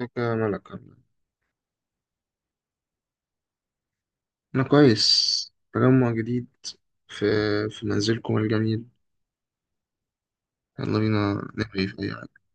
ازيك يا ملك؟ عامل ايه؟ أنا كويس. تجمع جديد في منزلكم الجميل. يلا بينا نحكي في أي حاجة.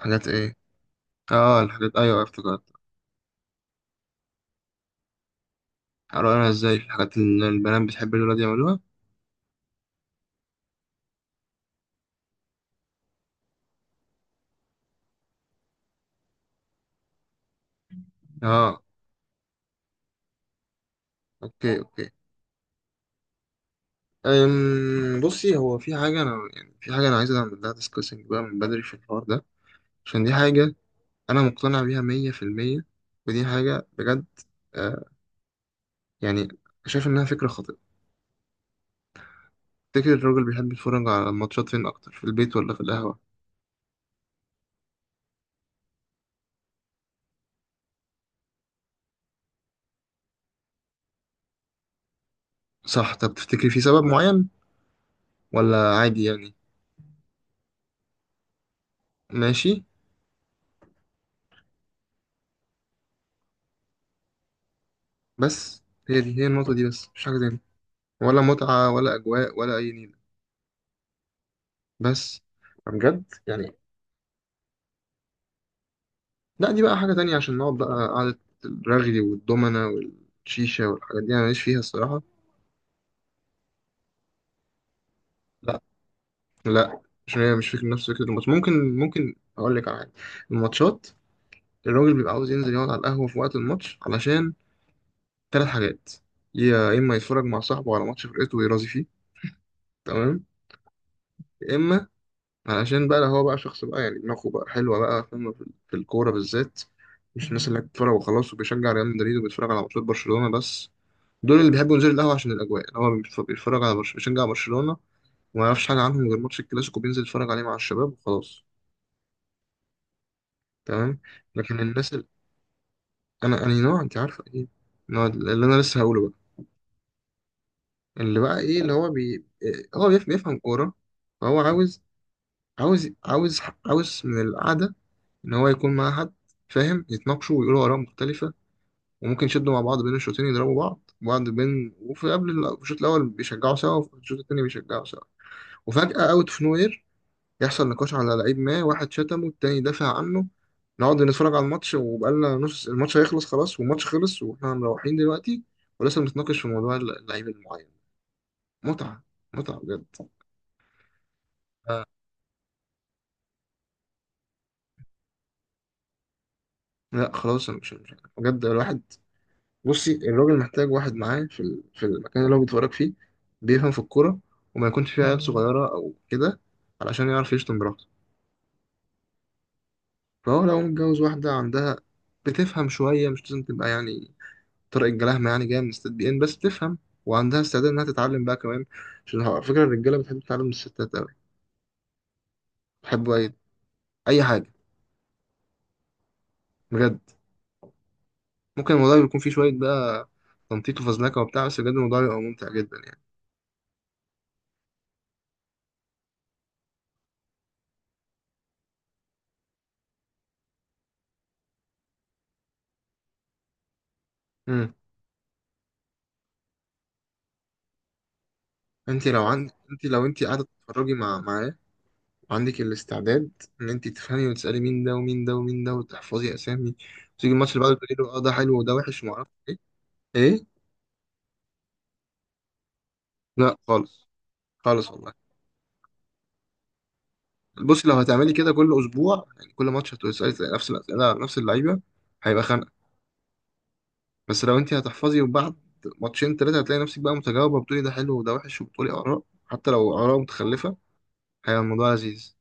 حاجات إيه؟ آه الحاجات، أيوة افتكرت. هقرأنا إزاي الحاجات اللي البنات بتحب الولاد يعملوها؟ آه. أوكي. بصي، هو في حاجة أنا يعني في حاجة أنا عايز أعمل لها ديسكاسنج بقى من بدري في الحوار ده، عشان دي حاجة أنا مقتنع بيها مية في المية، ودي حاجة بجد. آه، يعني شايف إنها فكرة خاطئة. تفتكر الراجل بيحب يتفرج على الماتشات فين أكتر، في البيت ولا في القهوة؟ صح، طب تفتكري في سبب معين ولا عادي يعني؟ ماشي. بس هي دي هي النقطة دي بس، مش حاجة تاني، ولا متعة ولا أجواء ولا أي نيلة، بس بجد يعني. لا، دي بقى حاجة تانية، عشان نقعد بقى قعدة الرغي والدومنة والشيشة، والحاجات دي أنا ماليش فيها الصراحة. لا، لا، عشان هي مش فكرة نفس فكرة الماتش. ممكن أقول لك على حاجة. الماتشات، الراجل بيبقى عاوز ينزل يقعد على القهوة في وقت الماتش علشان ثلاث حاجات. يا إما يتفرج مع صاحبه على ماتش فرقته ويرازي فيه، تمام، يا إما علشان بقى هو بقى شخص بقى يعني دماغه بقى حلوة بقى، فاهم في الكورة بالذات، مش الناس اللي بتتفرج وخلاص وبيشجع ريال مدريد وبيتفرج على ماتشات برشلونة بس. دول اللي بيحبوا ينزلوا القهوة عشان الأجواء، هو بيتفرج على بيشجع برشلونة، وما يعرفش حاجة عنهم غير ماتش الكلاسيكو، بينزل يتفرج عليه مع الشباب وخلاص، تمام. لكن الناس اللي... أنا نوع، أنت عارفة إيه؟ نوع اللي أنا لسه هقوله بقى، اللي بقى إيه، اللي هو بي... إيه، هو بيف- بيفهم كورة، فهو عاوز، عاوز عاوز عاوز من القعدة إن هو يكون معاه حد فاهم، يتناقشوا ويقولوا آراء مختلفة، وممكن يشدوا مع بعض بين الشوطين، يضربوا بعض بعض بين وفي قبل الشوط الأول بيشجعوا سوا، وفي الشوط التاني بيشجعوا سوا، وفجأة أوت أوف نوير يحصل نقاش على لعيب ما، واحد شتمه، التاني دافع عنه. نقعد نتفرج على الماتش وبقالنا نص الماتش، هيخلص خلاص، والماتش خلص واحنا مروحين دلوقتي ولسه بنتناقش في موضوع اللعيب المعين. متعة، متعة بجد. لا خلاص، انا مش بجد، الواحد، بصي، الراجل محتاج واحد معاه في في المكان اللي هو بيتفرج فيه، بيفهم في الكورة، وما يكونش فيه عيال صغيرة أو كده علشان يعرف يشتم براحته. فهو لو متجوز واحدة عندها بتفهم شوية، مش لازم تبقى يعني طارق الجلاهمة يعني، جاية من ستات بي إن، بس بتفهم وعندها استعداد إنها تتعلم بقى كمان، عشان على فكرة الرجالة بتحب تتعلم من الستات أوي. بيحبوا أي، أي حاجة بجد. ممكن الموضوع يكون فيه شوية بقى تنطيط وفزلكة وبتاع، بس بجد الموضوع يبقى ممتع جدا يعني. مم. انت لو عند، انت لو انت قاعده تتفرجي مع عندك الاستعداد ان انت تفهمي وتسالي مين ده ومين ده ومين ده، وتحفظي اسامي، وتيجي الماتش اللي بعده تقولي له اه ده حلو وده وحش وما اعرفش ايه. ايه؟ لا خالص، خالص والله. بصي، لو هتعملي كده كل اسبوع، يعني كل ماتش هتسالي نفس الاسئله على نفس اللعيبه، هيبقى خنقه. بس لو انت هتحفظي، وبعد ماتشين ثلاثه هتلاقي نفسك بقى متجاوبه، بتقولي ده حلو وده وحش، وبتقولي اراء حتى لو اراء متخلفه، هيبقى الموضوع لذيذ.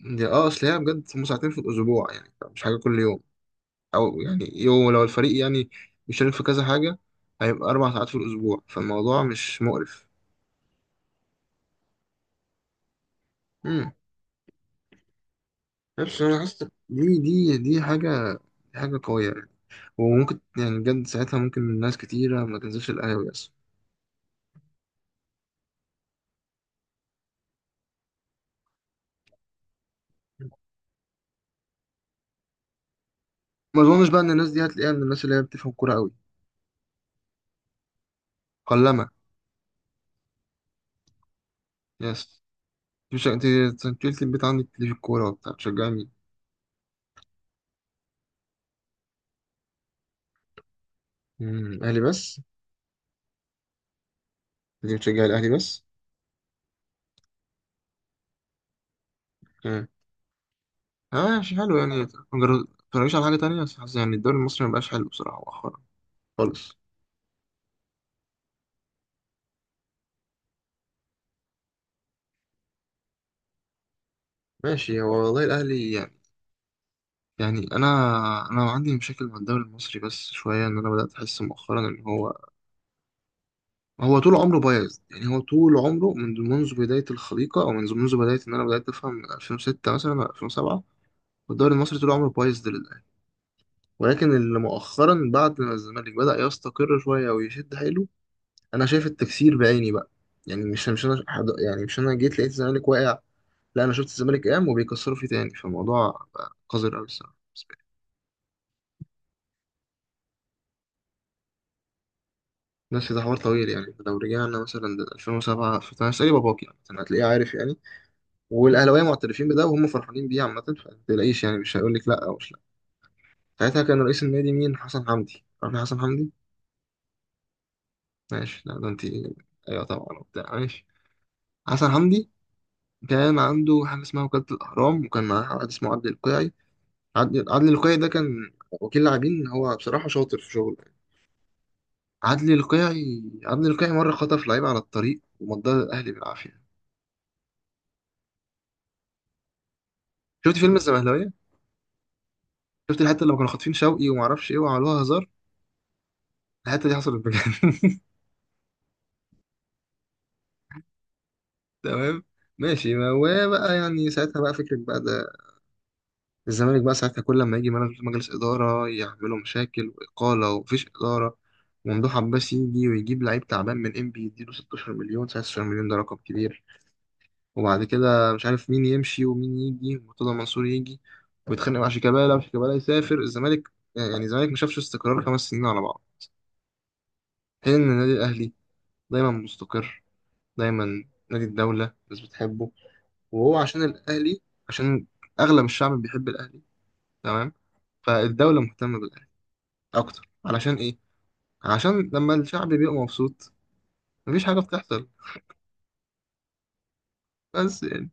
دي اه، اصل هي بجد هم ساعتين في الاسبوع، يعني مش حاجه كل يوم، او يعني يوم لو الفريق يعني بيشارك في كذا حاجه هيبقى اربع ساعات في الاسبوع، فالموضوع مش مقرف. امم، نفس، انا حاسس دي حاجه، دي حاجه قويه يعني. وممكن يعني بجد ساعتها ممكن ناس كتيره ما تنزلش القهاوي اصلا. ما اظنش بقى ان الناس دي هتلاقيها من الناس اللي هي بتفهم كوره قوي، قلما. يس. مش انت، أنت قلت البيت عندك ليه في الكوره وبتاع، بتشجعي مين؟ امم، اهلي بس؟ دي بتشجعي الاهلي بس؟ امم، اه ماشي، حلو يعني. ما ما تتفرجيش على حاجه تانية؟ بس حاسس يعني الدوري المصري ما بقاش حلو بصراحه خالص. ماشي، هو والله الأهلي يعني، يعني أنا، أنا عندي مشاكل مع الدوري المصري بس شوية، إن أنا بدأت أحس مؤخرا إن هو، هو طول عمره بايظ، يعني هو طول عمره منذ بداية الخليقة، أو منذ بداية إن أنا بدأت أفهم من 2006 مثلا أو 2007، والدوري المصري طول عمره بايظ ده للأهلي، ولكن اللي مؤخرا بعد ما الزمالك بدأ يستقر شوية ويشد حيله، أنا شايف التكسير بعيني بقى. يعني مش أنا حد، يعني مش أنا جيت لقيت الزمالك واقع، لا أنا شفت الزمالك قام وبيكسروا فيه تاني، فالموضوع بقى قذر أوي الصراحة. بس ده حوار طويل يعني، لو رجعنا مثلا ل 2007، فانا اسالي باباك يعني مثلا هتلاقيه عارف يعني، والاهلاويه معترفين بده وهم فرحانين بيه عامه، فما تقلقيش يعني، مش هيقول لك لا، او مش لا. ساعتها كان رئيس النادي مين؟ حسن حمدي، عارف حسن حمدي؟ ماشي، لا ده انت، ايوه طبعا وبتاع، ماشي. حسن حمدي كان عنده حاجه اسمها وكاله الاهرام، وكان معاه واحد اسمه عدلي القيعي، عدلي القيعي ده كان وكيل لاعبين، هو بصراحه شاطر في شغله يعني. عدلي القيعي، عدلي القيعي مره خطف لعيب على الطريق ومضاه الاهلي بالعافيه. شفت فيلم الزمهلاويه؟ شفت الحته اللي كانوا خاطفين شوقي وما اعرفش ايه وعملوها هزار؟ الحته دي حصلت بجد. تمام، ماشي. ما هو بقى يعني ساعتها بقى فكرة بقى ده، الزمالك بقى ساعتها كل لما يجي مجلس إدارة يعملوا مشاكل وإقالة ومفيش إدارة، وممدوح عباس يجي ويجيب لعيب تعبان من إنبي يديله 16 مليون، 16 مليون ده رقم كبير. وبعد كده مش عارف مين يمشي ومين يجي، مرتضى منصور يجي ويتخانق مع شيكابالا، وشيكابالا يسافر الزمالك، يعني الزمالك ما شافش استقرار خمس سنين على بعض، حين إن النادي الأهلي دايما مستقر، دايما نادي الدولة، الناس بتحبه، وهو عشان الأهلي، عشان أغلب الشعب بيحب الأهلي، تمام، فالدولة مهتمة بالأهلي أكتر، علشان إيه؟ عشان لما الشعب بيبقى مبسوط مفيش حاجة بتحصل. بس يعني،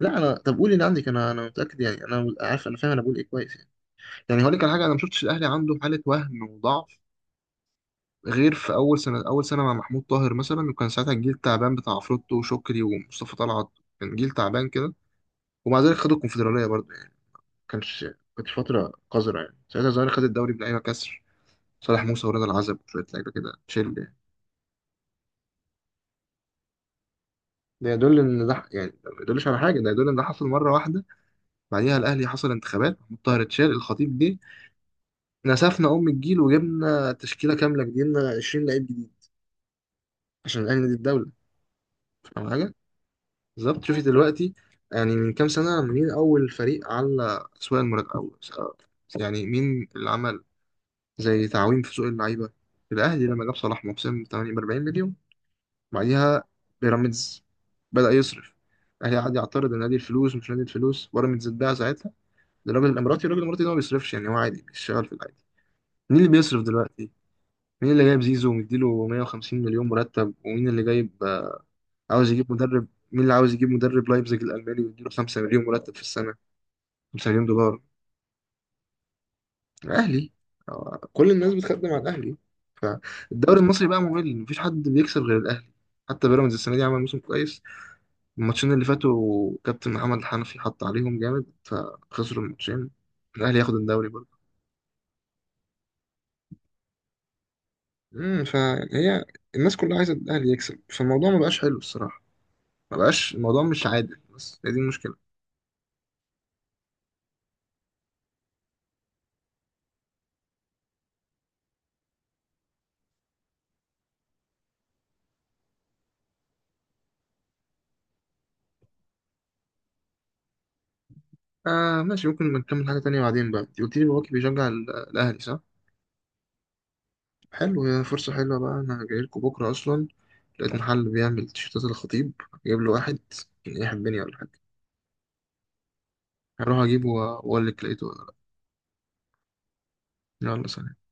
لا أنا، طب قولي اللي عندك، أنا متأكد يعني، أنا عارف، أنا فاهم أنا بقول إيه كويس يعني. يعني هقول لك على حاجة، أنا ما شفتش الأهلي عنده حالة وهن وضعف، غير في أول سنة، أول سنة مع محمود طاهر مثلا، وكان ساعتها الجيل التعبان بتاع عفروتو وشكري ومصطفى طلعت، كان جيل تعبان كده، ومع ذلك خدوا الكونفدرالية برضه. كانش، كانت فترة قذرة يعني، ساعتها الزمالك خد الدوري بلعيبة كسر، صالح موسى ورضا العزب وشوية لعيبة كده تشيل يعني. ده يدل إن ده، يعني ده ما يدلش على حاجة، ده يدل إن ده حصل مرة واحدة. بعديها الأهلي حصل انتخابات محمود طاهر، اتشال، الخطيب جه، نسفنا أم الجيل وجبنا تشكيلة كاملة جديدة، 20 لعيب جديد، عشان الأهلي نادي الدولة. فاهم حاجة؟ بالظبط، شوفي دلوقتي، يعني من كام سنة مين أول فريق على أسواق المراهنات أول، يعني مين اللي عمل زي تعويم في سوق اللعيبة؟ الأهلي لما جاب صلاح محسن 48 مليون، بعديها بيراميدز بدأ يصرف. الاهلي قعد يعترض، النادي الفلوس ومش نادي الفلوس، بيراميدز اتباع ساعتها للراجل الاماراتي، الراجل الاماراتي ده ما بيصرفش يعني، هو عادي بيشتغل في العادي. مين اللي بيصرف دلوقتي؟ مين اللي جايب زيزو ومديله 150 مليون مرتب؟ ومين اللي جايب آه، عاوز يجيب مدرب؟ مين اللي عاوز يجيب مدرب لايبزيج الالماني ويديله 5 مليون مرتب في السنه، 5 مليون دولار؟ الاهلي. آه، كل الناس بتخدم على الاهلي، فالدوري المصري بقى ممل، مفيش حد بيكسب غير الاهلي. حتى بيراميدز السنه دي عمل موسم كويس، الماتشين اللي فاتوا كابتن محمد الحنفي حط عليهم جامد فخسروا الماتشين، الاهلي ياخد الدوري برضه. امم، فهي الناس كلها عايزه الاهلي يكسب، فالموضوع ما بقاش حلو الصراحه، ما بقاش الموضوع مش عادل، بس هي دي المشكله. آه ماشي، ممكن نكمل حاجه تانية بعدين بقى. انت قلت لي باباكي بيشجع الاهلي صح؟ حلو، هي فرصه حلوه بقى، انا جاي لكم بكره اصلا، لقيت محل بيعمل تيشيرتات الخطيب، جايب له واحد، كان ايه حبني ولا حاجه؟ هروح اجيبه واقول لك لقيته ولا. لا، يلا سلام.